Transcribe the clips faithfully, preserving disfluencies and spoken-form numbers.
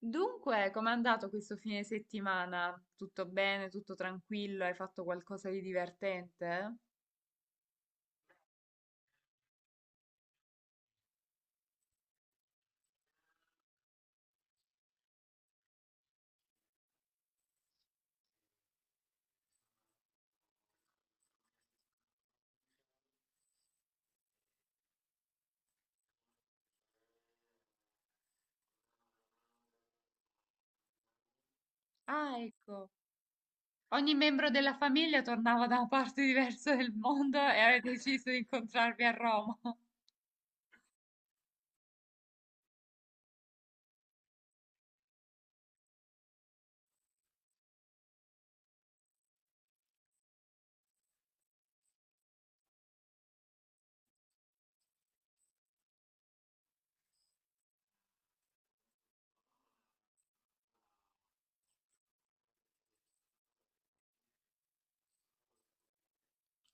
Dunque, com'è andato questo fine settimana? Tutto bene? Tutto tranquillo? Hai fatto qualcosa di divertente? Ah, ecco. Ogni membro della famiglia tornava da una parte diversa del mondo e avete deciso di incontrarvi a Roma.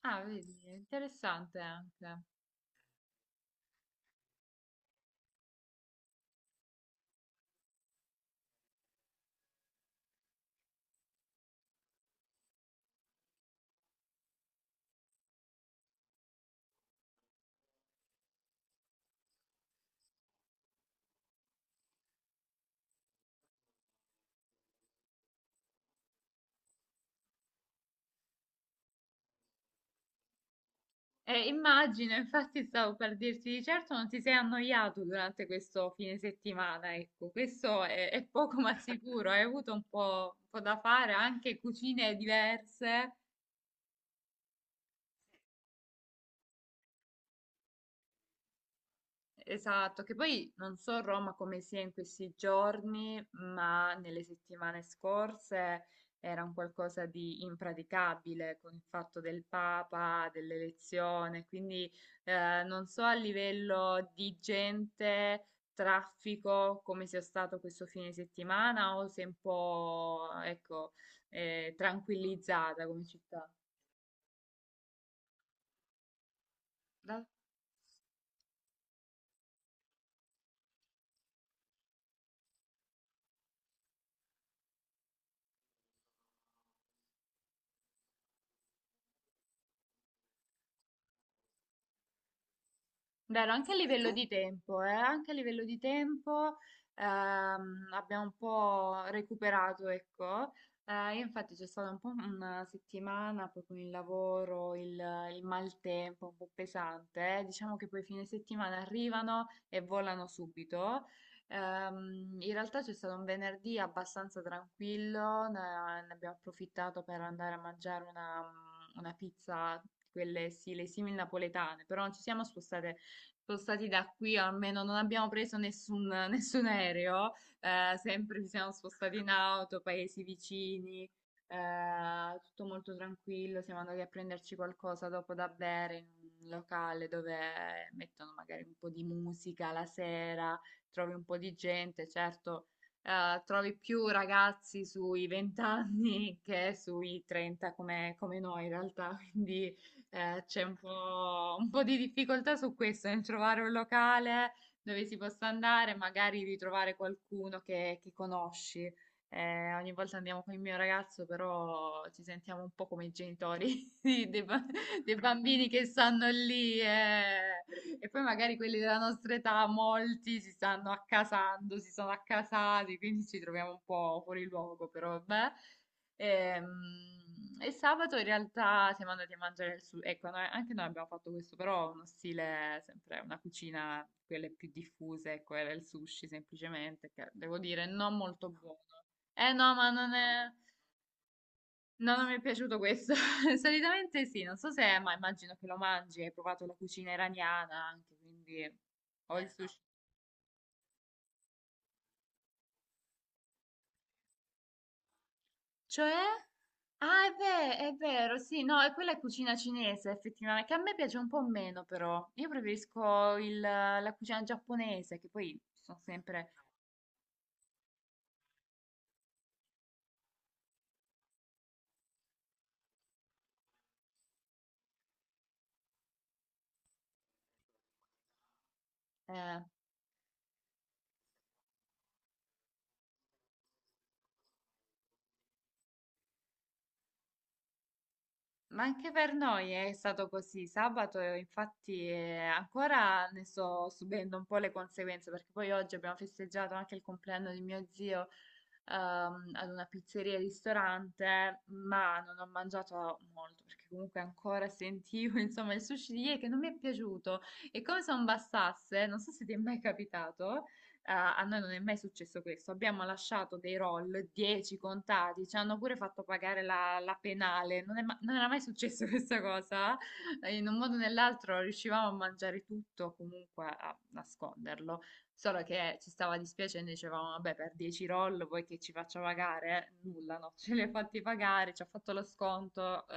Ah, vedi, è interessante anche. Eh, immagino, infatti stavo per dirti di certo non ti sei annoiato durante questo fine settimana, ecco, questo è, è poco ma sicuro, hai avuto un po', un po' da fare, anche cucine diverse. Esatto, che poi non so Roma come sia in questi giorni, ma nelle settimane scorse era un qualcosa di impraticabile con il fatto del Papa, dell'elezione, quindi eh, non so a livello di gente, traffico, come sia stato questo fine settimana o se è un po', ecco, eh, tranquillizzata come città. Dai. Vero, anche a livello di tempo, eh, anche a livello di tempo ehm, abbiamo un po' recuperato, ecco. Eh, infatti c'è stata un po' una settimana poi con il lavoro, il, il maltempo un po' pesante, eh. Diciamo che poi fine settimana arrivano e volano subito. Ehm, in realtà c'è stato un venerdì abbastanza tranquillo, ne, ne abbiamo approfittato per andare a mangiare una, una pizza, quelle sì, le simil napoletane, però non ci siamo spostate spostati da qui, o almeno non abbiamo preso nessun, nessun aereo, eh, sempre ci siamo spostati in auto, paesi vicini, eh, tutto molto tranquillo, siamo andati a prenderci qualcosa dopo da bere in un locale dove mettono magari un po' di musica la sera, trovi un po' di gente, certo. Eh, trovi più ragazzi sui venti anni che sui trenta come, come noi in realtà, quindi eh, c'è un po', un po' di difficoltà su questo, nel trovare un locale dove si possa andare, magari ritrovare qualcuno che, che conosci. Eh, ogni volta andiamo con il mio ragazzo, però ci sentiamo un po' come i genitori di- dei, ba- dei bambini che stanno lì, eh. E poi magari quelli della nostra età, molti si stanno accasando, si sono accasati, quindi ci troviamo un po' fuori luogo, però vabbè. Ehm, E, sabato in realtà siamo andati a mangiare il sushi. Ecco, noi- anche noi abbiamo fatto questo, però uno stile, sempre una cucina, quelle più diffuse, ecco, era il sushi semplicemente, che devo dire non molto buono. Eh no, ma non è... No, non mi è piaciuto questo. Solitamente sì, non so se, ma immagino che lo mangi, hai provato la cucina iraniana anche, quindi... O il sushi. Cioè? Ah, è ve- è vero, sì, no, e quella è cucina cinese, effettivamente, che a me piace un po' meno, però. Io preferisco il- la cucina giapponese, che poi sono sempre... eh, ma anche per noi è stato così. Sabato, eh, infatti, eh, ancora ne sto subendo un po' le conseguenze, perché poi oggi abbiamo festeggiato anche il compleanno di mio zio, ehm, ad una pizzeria e ristorante, ma non ho mangiato molto perché comunque ancora sentivo, insomma, il sushi di ieri che non mi è piaciuto. E come se non bastasse, non so se ti è mai capitato, eh, a noi non è mai successo questo. Abbiamo lasciato dei roll, dieci contati, ci hanno pure fatto pagare la, la penale. Non è ma- Non era mai successo questa cosa. Eh, In un modo o nell'altro riuscivamo a mangiare tutto, comunque a nasconderlo. Solo che ci stava dispiacendo, dicevamo, vabbè, per dieci roll vuoi che ci faccia pagare? Nulla, no, ce li ha fatti pagare, ci ha fatto lo sconto, eh,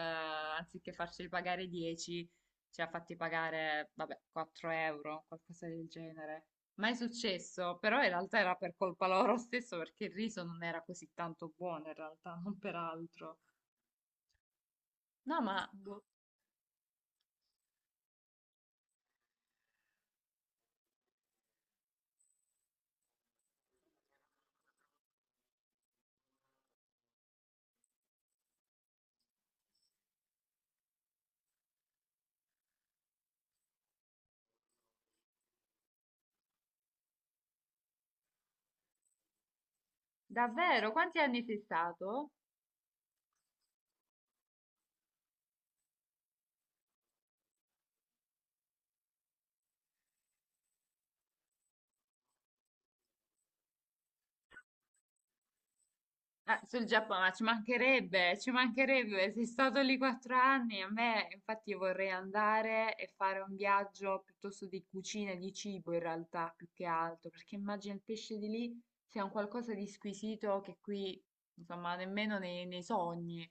anziché farceli pagare dieci, ci ha fatti pagare, vabbè, quattro euro, qualcosa del genere. Mai successo, però in realtà era per colpa loro stesso perché il riso non era così tanto buono, in realtà, non per altro. No, ma boh, davvero, quanti anni sei stato? Ah, sul Giappone, ma ci mancherebbe, ci mancherebbe, sei stato lì quattro anni, a me infatti vorrei andare e fare un viaggio piuttosto di cucina, e di cibo in realtà, più che altro, perché immagino il pesce di lì sia un qualcosa di squisito che qui, insomma, nemmeno nei, nei sogni.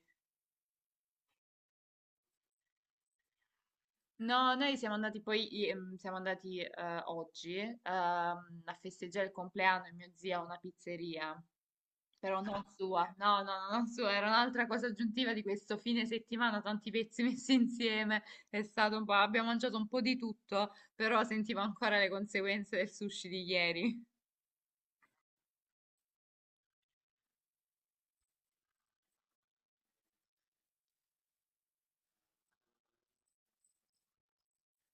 No, noi siamo andati poi, i- ehm, siamo andati eh, oggi, ehm, a festeggiare il compleanno di mio zio a una pizzeria. Però non sua, no, no, no, non sua, era un'altra cosa aggiuntiva di questo fine settimana, tanti pezzi messi insieme, è stato un po', abbiamo mangiato un po' di tutto, però sentivo ancora le conseguenze del sushi di ieri.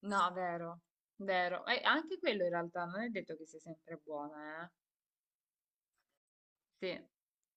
No, vero, vero, e anche quello in realtà non è detto che sia sempre buono. Sì,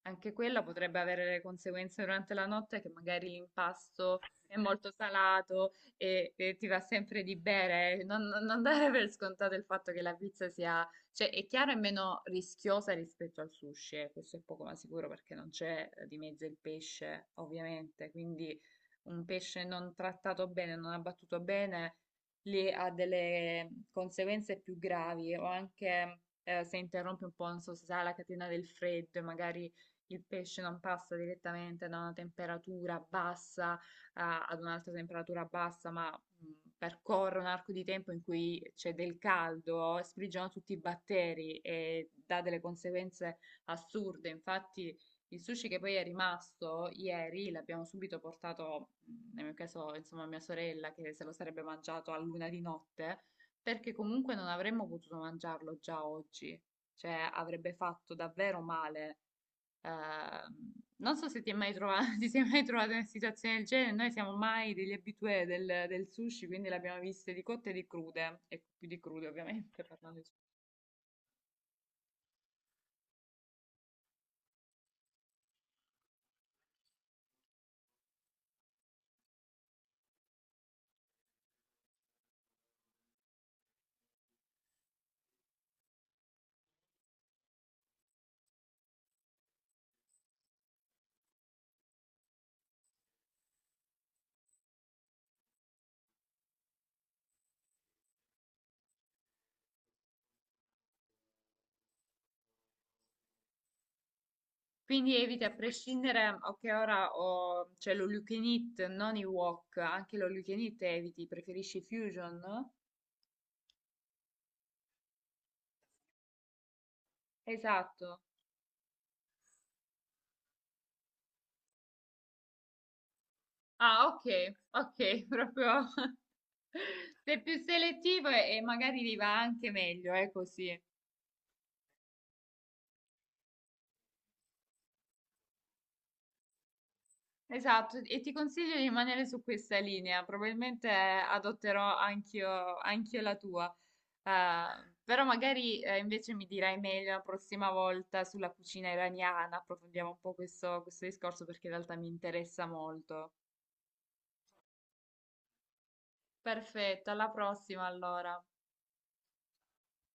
anche quella potrebbe avere le conseguenze durante la notte che magari l'impasto è molto salato e, e ti va sempre di bere. Non, non- non dare per scontato il fatto che la pizza sia, cioè è chiaro è meno rischiosa rispetto al sushi, eh, questo è poco ma sicuro perché non c'è, eh, di mezzo il pesce, ovviamente, quindi un pesce non trattato bene, non abbattuto bene, lì ha delle conseguenze più gravi o anche eh, se interrompe un po', non so se sarà la catena del freddo e magari il pesce non passa direttamente da una temperatura bassa, a- ad un'altra temperatura bassa, ma mh, percorre un arco di tempo in cui c'è del caldo, sprigiona tutti i batteri e dà delle conseguenze assurde. Infatti, il sushi che poi è rimasto ieri l'abbiamo subito portato, mh, nel mio caso, insomma, a mia sorella che se lo sarebbe mangiato a luna di notte perché comunque non avremmo potuto mangiarlo già oggi, cioè avrebbe fatto davvero male. Ehm, Non so se ti è mai trovato, ti sei mai trovato in una situazione del genere, noi siamo mai degli abitué del, del sushi, quindi l'abbiamo viste di cotte e di crude, e più di crude ovviamente, parlando di sushi. Quindi eviti a prescindere, ok, ora ho, c'è l'all you can eat, non i wok, anche l'all you can eat eviti, preferisci fusion? Esatto. Ah, ok, ok, proprio sei più selettivo e, e magari li va anche meglio, è così. Esatto, e ti consiglio di rimanere su questa linea, probabilmente eh, adotterò anch'io anch'io la tua. Eh, però magari eh, invece mi dirai meglio la prossima volta sulla cucina iraniana, approfondiamo un po' questo questo discorso perché in realtà mi interessa molto. Perfetto, alla prossima allora.